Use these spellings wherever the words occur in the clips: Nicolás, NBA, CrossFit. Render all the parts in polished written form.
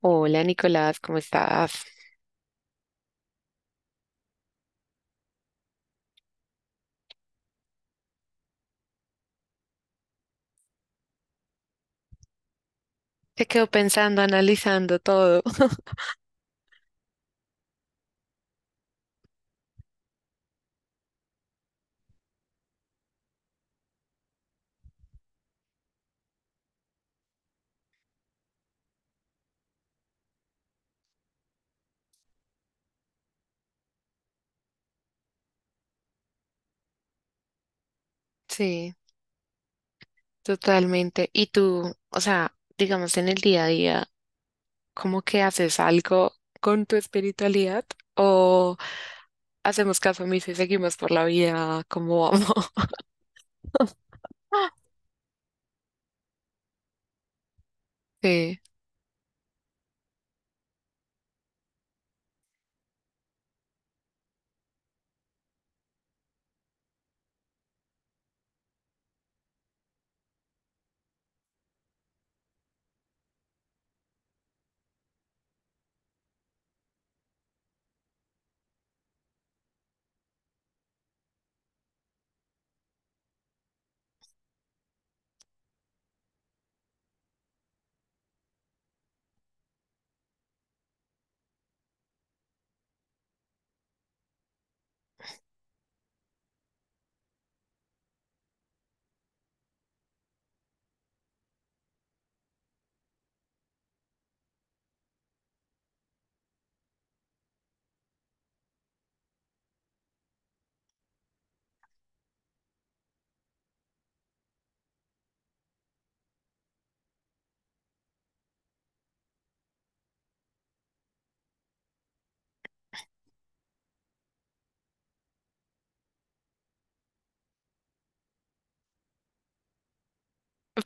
Hola Nicolás, ¿cómo estás? Te quedo pensando, analizando todo. Sí, totalmente. ¿Y tú, o sea, digamos en el día a día, cómo que haces algo con tu espiritualidad o hacemos caso omiso y seguimos por la vida como vamos? Sí,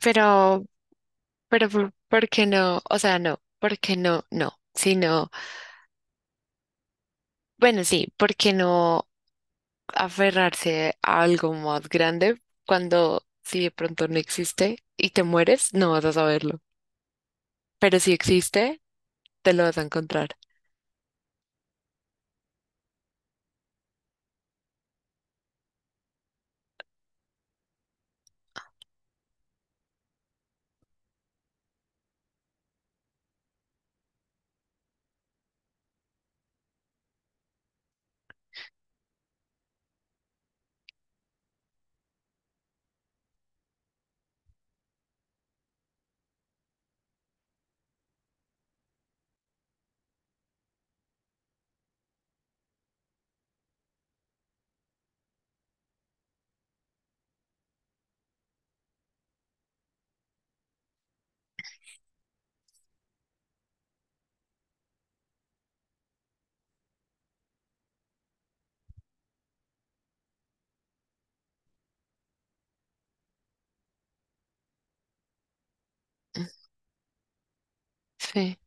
pero, pero, ¿por qué no? O sea, no, ¿por qué no? No, sino, bueno, sí, ¿por qué no? Aferrarse a algo más grande cuando si de pronto no existe y te mueres, no vas a saberlo. Pero si existe, te lo vas a encontrar. Sí.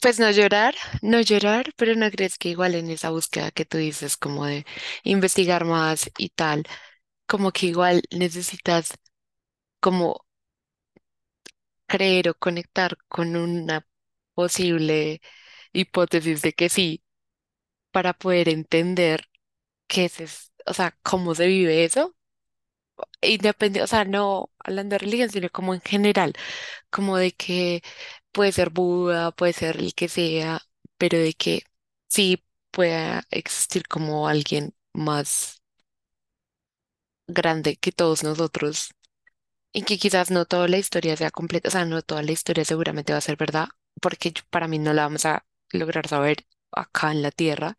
Pues no llorar, no llorar, pero no crees que igual en esa búsqueda que tú dices, como de investigar más y tal, como que igual necesitas como creer o conectar con una posible hipótesis de que sí, para poder entender qué es, o sea, cómo se vive eso independiente, o sea, no hablando de religión, sino como en general, como de que puede ser Buda, puede ser el que sea, pero de que sí pueda existir como alguien más grande que todos nosotros y que quizás no toda la historia sea completa, o sea, no toda la historia seguramente va a ser verdad, porque para mí no la vamos a lograr saber acá en la Tierra,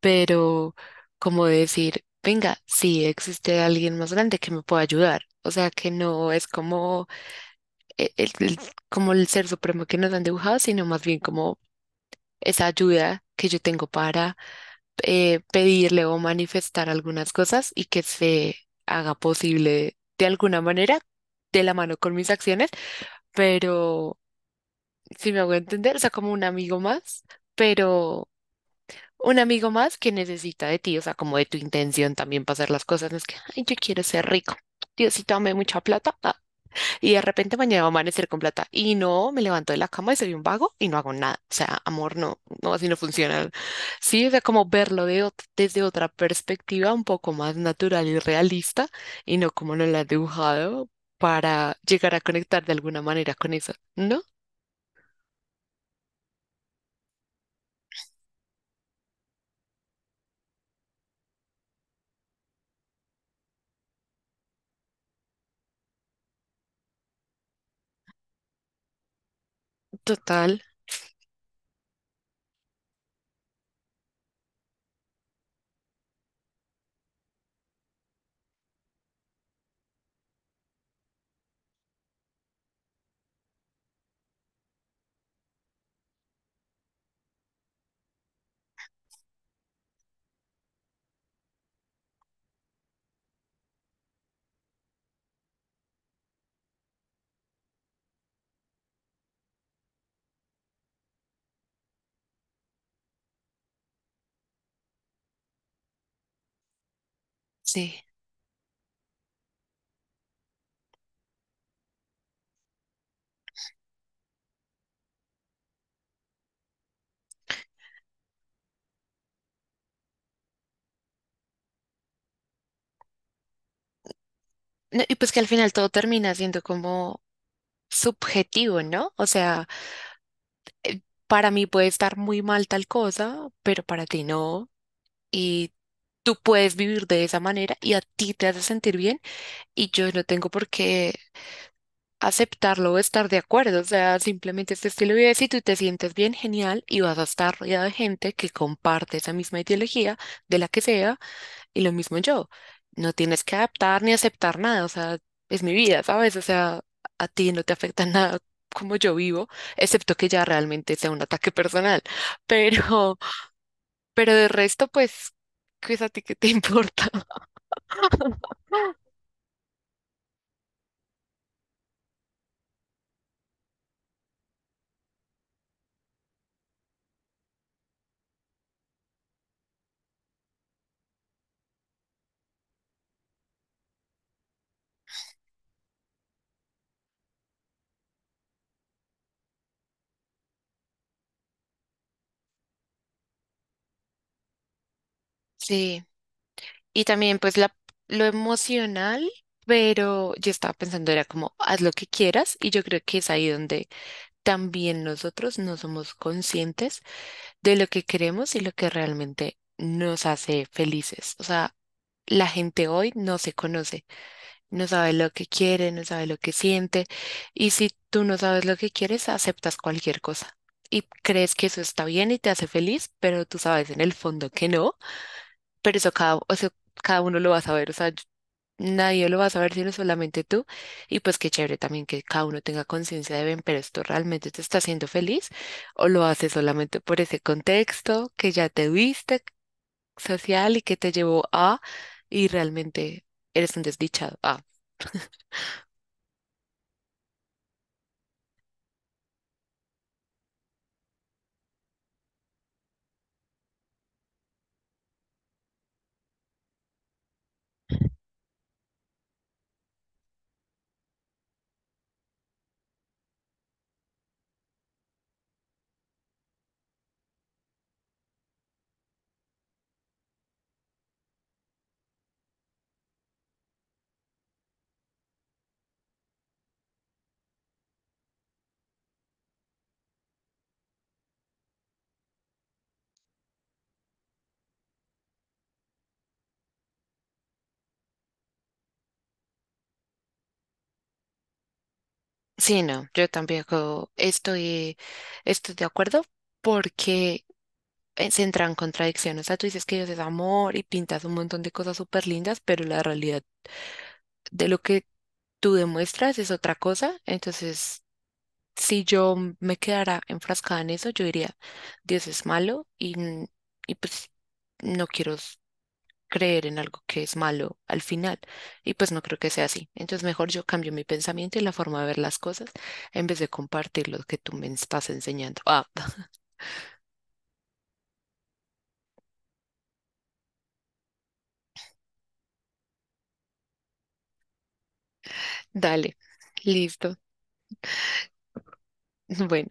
pero como decir, venga, sí existe alguien más grande que me pueda ayudar. O sea, que no es como e- el- el- como el ser supremo que nos han dibujado, sino más bien como esa ayuda que yo tengo para pedirle o manifestar algunas cosas y que se haga posible de alguna manera, de la mano con mis acciones, pero si me hago entender, o sea, como un amigo más, pero un amigo más que necesita de ti, o sea, como de tu intención también para hacer las cosas, no es que, ay, yo quiero ser rico. Diosito, dame mucha plata. Y de repente mañana va a amanecer con plata. Y no, me levanto de la cama y soy un vago y no hago nada. O sea, amor, no, no, así no funciona. Sí, o sea, como verlo de desde otra perspectiva un poco más natural y realista y no como nos la ha dibujado para llegar a conectar de alguna manera con eso. ¿No? Total, sí. No, y pues que al final todo termina siendo como subjetivo, ¿no? O sea, para mí puede estar muy mal tal cosa, pero para ti no. Y tú puedes vivir de esa manera y a ti te hace sentir bien y yo no tengo por qué aceptarlo o estar de acuerdo. O sea, simplemente este estilo de vida, si tú te sientes bien, genial, y vas a estar rodeado de gente que comparte esa misma ideología, de la que sea, y lo mismo yo. No tienes que adaptar ni aceptar nada, o sea, es mi vida, ¿sabes? O sea, a ti no te afecta nada como yo vivo, excepto que ya realmente sea un ataque personal. Pero, pero de resto, pues, qué es a ti que te importa. Sí, y también pues la, lo emocional, pero yo estaba pensando, era como, haz lo que quieras, y yo creo que es ahí donde también nosotros no somos conscientes de lo que queremos y lo que realmente nos hace felices. O sea, la gente hoy no se conoce, no sabe lo que quiere, no sabe lo que siente, y si tú no sabes lo que quieres, aceptas cualquier cosa. Y crees que eso está bien y te hace feliz, pero tú sabes en el fondo que no, pero eso cada, o sea, cada uno lo va a saber, o sea, nadie lo va a saber sino solamente tú. Y pues qué chévere también que cada uno tenga conciencia de, ven, pero esto realmente te está haciendo feliz o lo haces solamente por ese contexto que ya te viste social y que te llevó a y realmente eres un desdichado. Ah, sí, no, yo tampoco estoy de acuerdo porque se entra en contradicción, o sea, tú dices que Dios es amor y pintas un montón de cosas súper lindas, pero la realidad de lo que tú demuestras es otra cosa. Entonces, si yo me quedara enfrascada en eso, yo diría, Dios es malo y pues no quiero creer en algo que es malo al final. Y pues no creo que sea así. Entonces, mejor yo cambio mi pensamiento y la forma de ver las cosas en vez de compartir lo que tú me estás enseñando. Ah, dale, listo. Bueno.